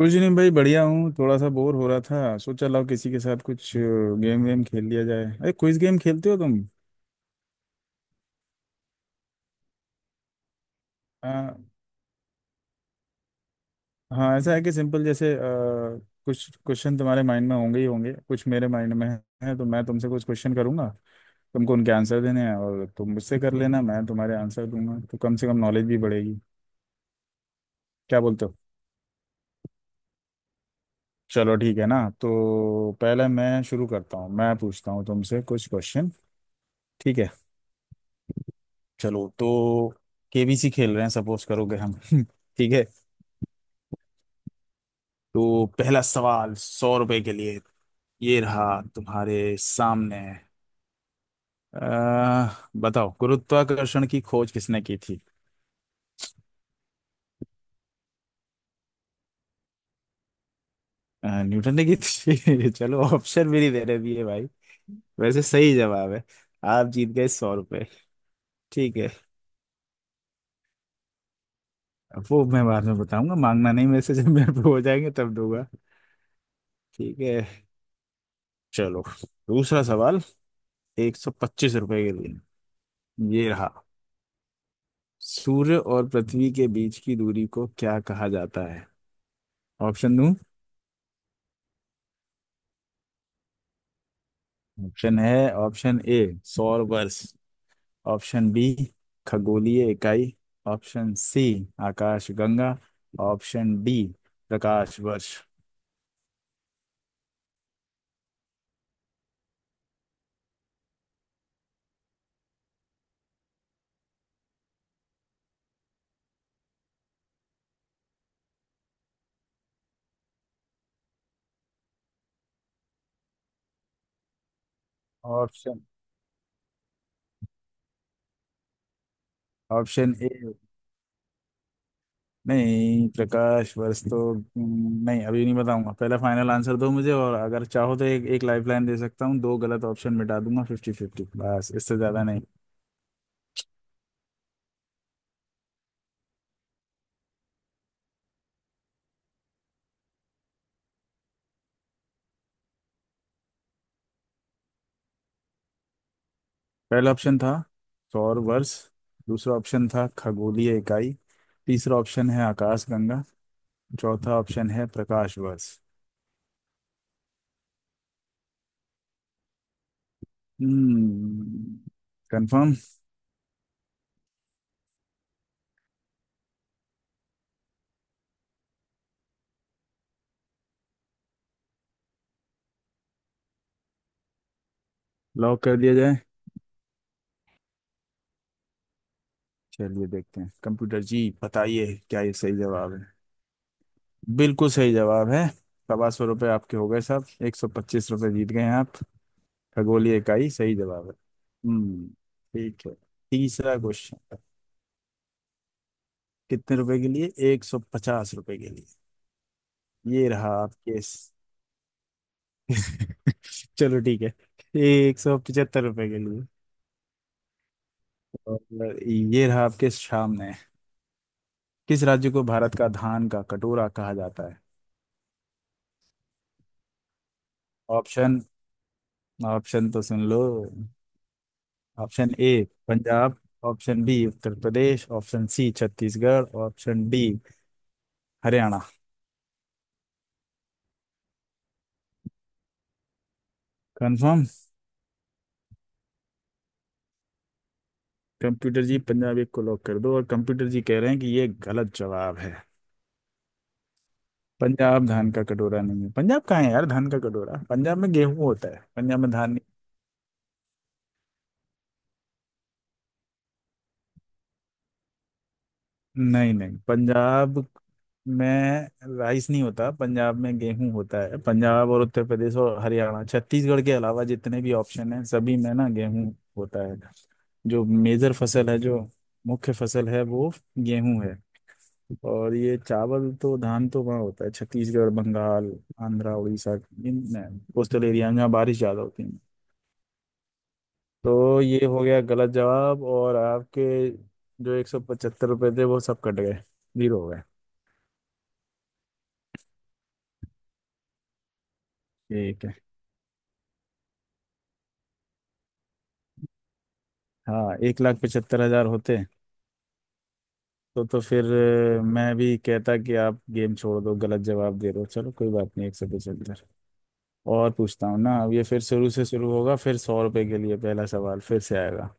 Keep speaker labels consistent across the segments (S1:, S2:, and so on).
S1: कुछ नहीं भाई, बढ़िया हूँ। थोड़ा सा बोर हो रहा था, सोचा लाओ किसी के साथ कुछ गेम वेम खेल लिया जाए। अरे क्विज गेम खेलते हो तुम? आ, हाँ, ऐसा है कि सिंपल, जैसे कुछ क्वेश्चन तुम्हारे माइंड में होंगे ही होंगे, कुछ मेरे माइंड में है। तो मैं तुमसे कुछ क्वेश्चन करूंगा, तुमको उनके आंसर देने हैं और तुम मुझसे कर लेना, मैं तुम्हारे आंसर दूंगा। तो कम से कम नॉलेज भी बढ़ेगी। क्या बोलते हो? चलो ठीक है ना। तो पहले मैं शुरू करता हूँ, मैं पूछता हूँ तुमसे कुछ क्वेश्चन। ठीक है। चलो तो केबीसी खेल रहे हैं सपोज करोगे हम। ठीक है। तो पहला सवाल 100 रुपए के लिए ये रहा तुम्हारे सामने। अह बताओ, गुरुत्वाकर्षण की खोज किसने की थी? न्यूटन ने की थी। चलो, ऑप्शन भी नहीं दे रहे भी है भाई। वैसे सही जवाब है। आप जीत गए 100 रुपए। ठीक है। अब वो मैं बाद में बताऊंगा, मांगना नहीं मेरे से। जब मेरे पे हो जाएंगे तब दूंगा। ठीक है। चलो दूसरा सवाल 125 रुपए के लिए ये रहा। सूर्य और पृथ्वी के बीच की दूरी को क्या कहा जाता है? ऑप्शन दूं? ऑप्शन है, ऑप्शन ए सौर वर्ष, ऑप्शन बी खगोलीय इकाई, ऑप्शन सी आकाश गंगा, ऑप्शन डी प्रकाश वर्ष। Option option A. नहीं, प्रकाश वर्ष तो नहीं, अभी नहीं बताऊंगा। पहले फाइनल आंसर दो मुझे, और अगर चाहो तो एक एक लाइफ लाइन दे सकता हूँ, दो गलत ऑप्शन मिटा दूंगा, फिफ्टी फिफ्टी, बस इससे ज्यादा नहीं। पहला ऑप्शन था सौर वर्ष, दूसरा ऑप्शन था खगोलीय इकाई, तीसरा ऑप्शन है आकाशगंगा, चौथा ऑप्शन है प्रकाश वर्ष। हम्म। कंफर्म? लॉक कर दिया जाए। चलिए देखते हैं, कंप्यूटर जी बताइए क्या ये सही जवाब है। बिल्कुल सही जवाब है। 125 रुपये आपके हो गए साहब। 125 रुपये जीत गए हैं आप। खगोलीय इकाई सही जवाब है। हम्म। ठीक है। तीसरा क्वेश्चन कितने रुपए के लिए? 150 रुपए के लिए ये रहा आपके। चलो ठीक है, 175 रुपए के लिए। और ये रहा आपके सामने। किस राज्य को भारत का धान का कटोरा कहा जाता है? ऑप्शन, ऑप्शन तो सुन लो। Option A Punjab, option B Uttar Pradesh, option C Chhattisgarh, option D Haryana. Confirm? Computer ji, Punjab एक को लॉक कर दो। और कंप्यूटर जी कह रहे हैं कि ये गलत जवाब है। पंजाब धान का कटोरा नहीं है। पंजाब कहाँ है यार धान का कटोरा, पंजाब में गेहूं होता है, पंजाब में धान नहीं नहीं नहीं। पंजाब मैं राइस नहीं होता, पंजाब में गेहूं होता है। पंजाब और उत्तर प्रदेश और हरियाणा, छत्तीसगढ़ के अलावा जितने भी ऑप्शन हैं सभी में ना गेहूं होता है। जो मेजर फसल है, जो मुख्य फसल है वो गेहूं है। और ये चावल तो, धान तो वहाँ होता है, छत्तीसगढ़, बंगाल, आंध्रा, उड़ीसा, इन कोस्टल एरिया में जहाँ बारिश ज़्यादा होती है। तो ये हो गया गलत जवाब, और आपके जो 175 रुपये थे वो सब कट गए, जीरो हो गए। ठीक है। हाँ, 1,75,000 होते तो फिर मैं भी कहता कि आप गेम छोड़ दो, गलत जवाब दे रहे हो। चलो कोई बात नहीं, 175 और पूछता हूँ ना। अब ये फिर शुरू से शुरू होगा, फिर 100 रुपए के लिए पहला सवाल फिर से आएगा।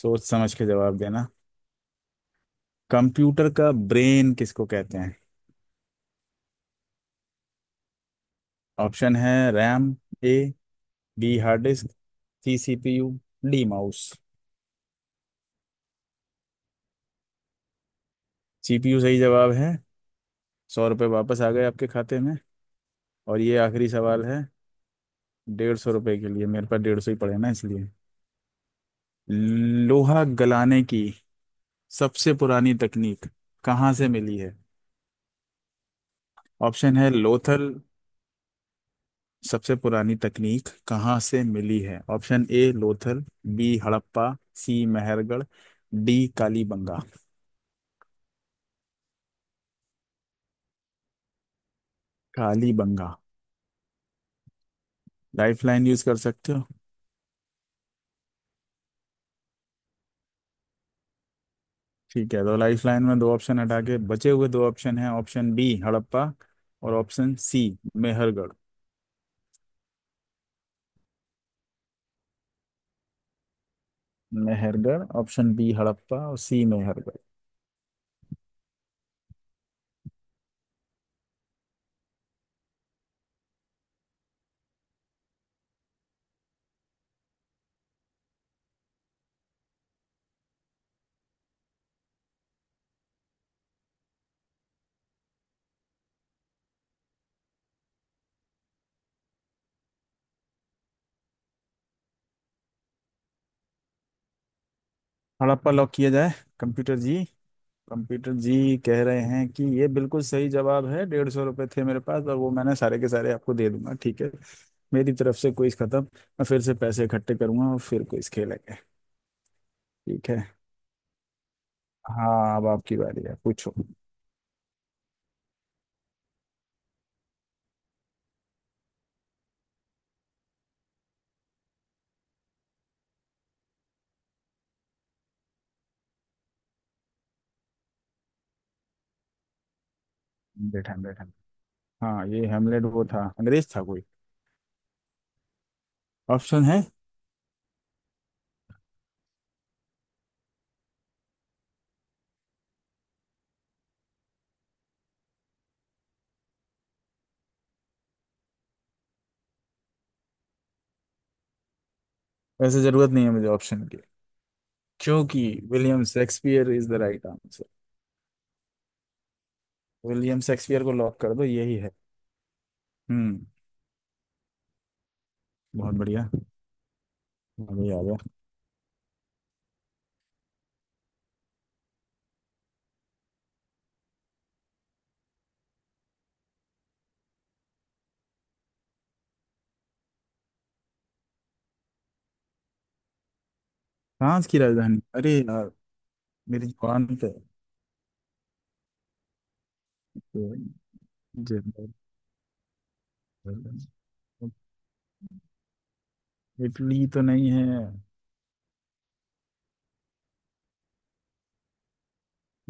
S1: सोच समझ के जवाब देना। कंप्यूटर का ब्रेन किसको कहते हैं? ऑप्शन है, RAM A, B hard disk, C CPU, D mouse. CPU सही जवाब है। 100 रुपये वापस आ गए आपके खाते में। और ये आखिरी सवाल है, 150 रुपये के लिए, मेरे पास 150 ही पड़े ना इसलिए। लोहा गलाने की सबसे पुरानी तकनीक कहाँ से मिली है? ऑप्शन है लोथल। सबसे पुरानी तकनीक कहाँ से मिली है? Option A Lothal, B Harappa, C Mehrgarh, D Kalibangan. Kalibangan? Lifeline use कर सकते हो। ठीक है, तो लाइफलाइन में दो ऑप्शन हटा के बचे हुए दो ऑप्शन हैं, ऑप्शन बी हड़प्पा और option C Mehrgarh. Mehrgarh? Option B Harappa और सी मेहरगढ़। हड़प्पा लॉक किया जाए? कंप्यूटर जी, कंप्यूटर जी कह रहे हैं कि ये बिल्कुल सही जवाब है। 150 रुपये थे मेरे पास, और वो मैंने सारे के सारे आपको दे दूंगा। ठीक है। मेरी तरफ से क्विज खत्म, मैं फिर से पैसे इकट्ठे करूंगा और फिर क्विज खेलेंगे। ठीक है। हाँ अब आपकी बारी है, पूछो। बैठा बैठा। हाँ ये हेमलेट, वो था अंग्रेज था कोई। ऑप्शन है, वैसे जरूरत नहीं है मुझे ऑप्शन की, क्योंकि William Shakespeare is the right answer. William Shakespeare को लॉक कर दो, यही है। हम्म, बहुत बढ़िया। अभी आ गया। फ्रांस की राजधानी, अरे यार मेरी जुबान पे तो जिम्बाब्वे। इटली तो नहीं है।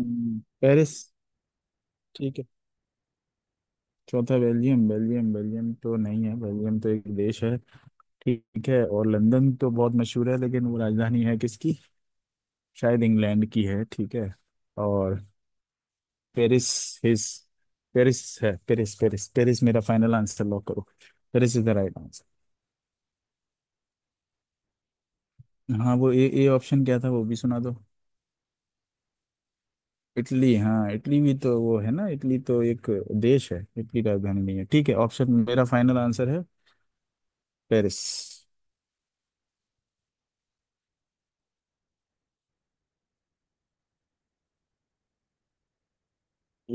S1: पेरिस। ठीक है, चौथा बेल्जियम, बेल्जियम बेल्जियम तो नहीं है, बेल्जियम तो एक देश है। ठीक है। और लंदन तो बहुत मशहूर है, लेकिन वो राजधानी है किसकी? शायद इंग्लैंड की है। ठीक है। और पेरिस, हिज पेरिस है। पेरिस, पेरिस, पेरिस मेरा फाइनल आंसर, लॉक करो। Paris is the right answer. हाँ, वो ए ए ऑप्शन क्या था वो भी सुना दो। इटली। हाँ इटली भी तो वो है ना, इटली तो एक देश है, इटली राजधानी नहीं है। ठीक है, ऑप्शन मेरा फाइनल आंसर है पेरिस।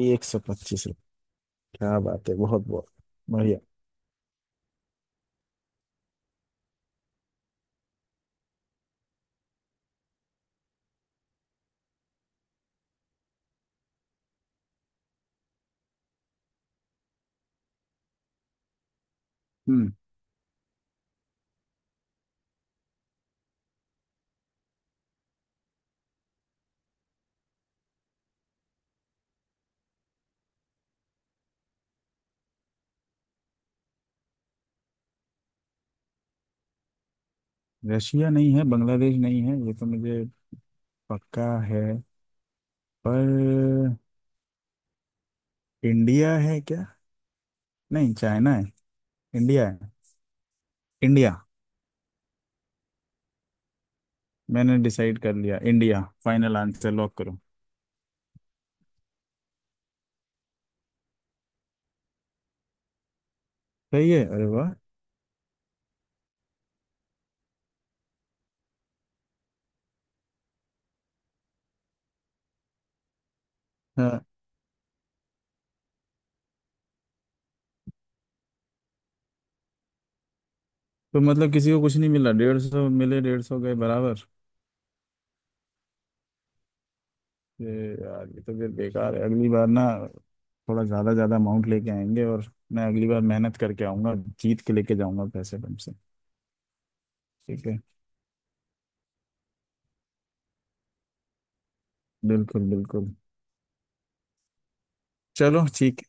S1: एक सौ पच्चीस, क्या बात है, बहुत बहुत बढ़िया। हम्म। रशिया नहीं है, बांग्लादेश नहीं है, ये तो मुझे पक्का है। पर इंडिया है क्या, नहीं चाइना है, इंडिया है, इंडिया। मैंने डिसाइड कर लिया, इंडिया फाइनल आंसर लॉक करो। सही है? अरे वाह। हाँ तो मतलब किसी को कुछ नहीं मिला, 150 मिले 150 गए, बराबर। ये यार ये तो फिर बेकार है। अगली बार ना थोड़ा ज्यादा ज्यादा अमाउंट लेके आएंगे, और मैं अगली बार मेहनत करके आऊंगा, जीत के लेके जाऊंगा पैसे तुमसे। ठीक है। बिल्कुल बिल्कुल। चलो ठीक।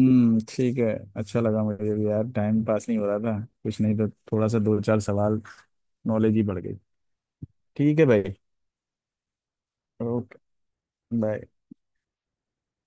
S1: ठीक है। अच्छा लगा मुझे भी यार, टाइम पास नहीं हो रहा था, कुछ नहीं तो थोड़ा सा दो चार सवाल नॉलेज ही बढ़ गई। ठीक है भाई। Okay, bye.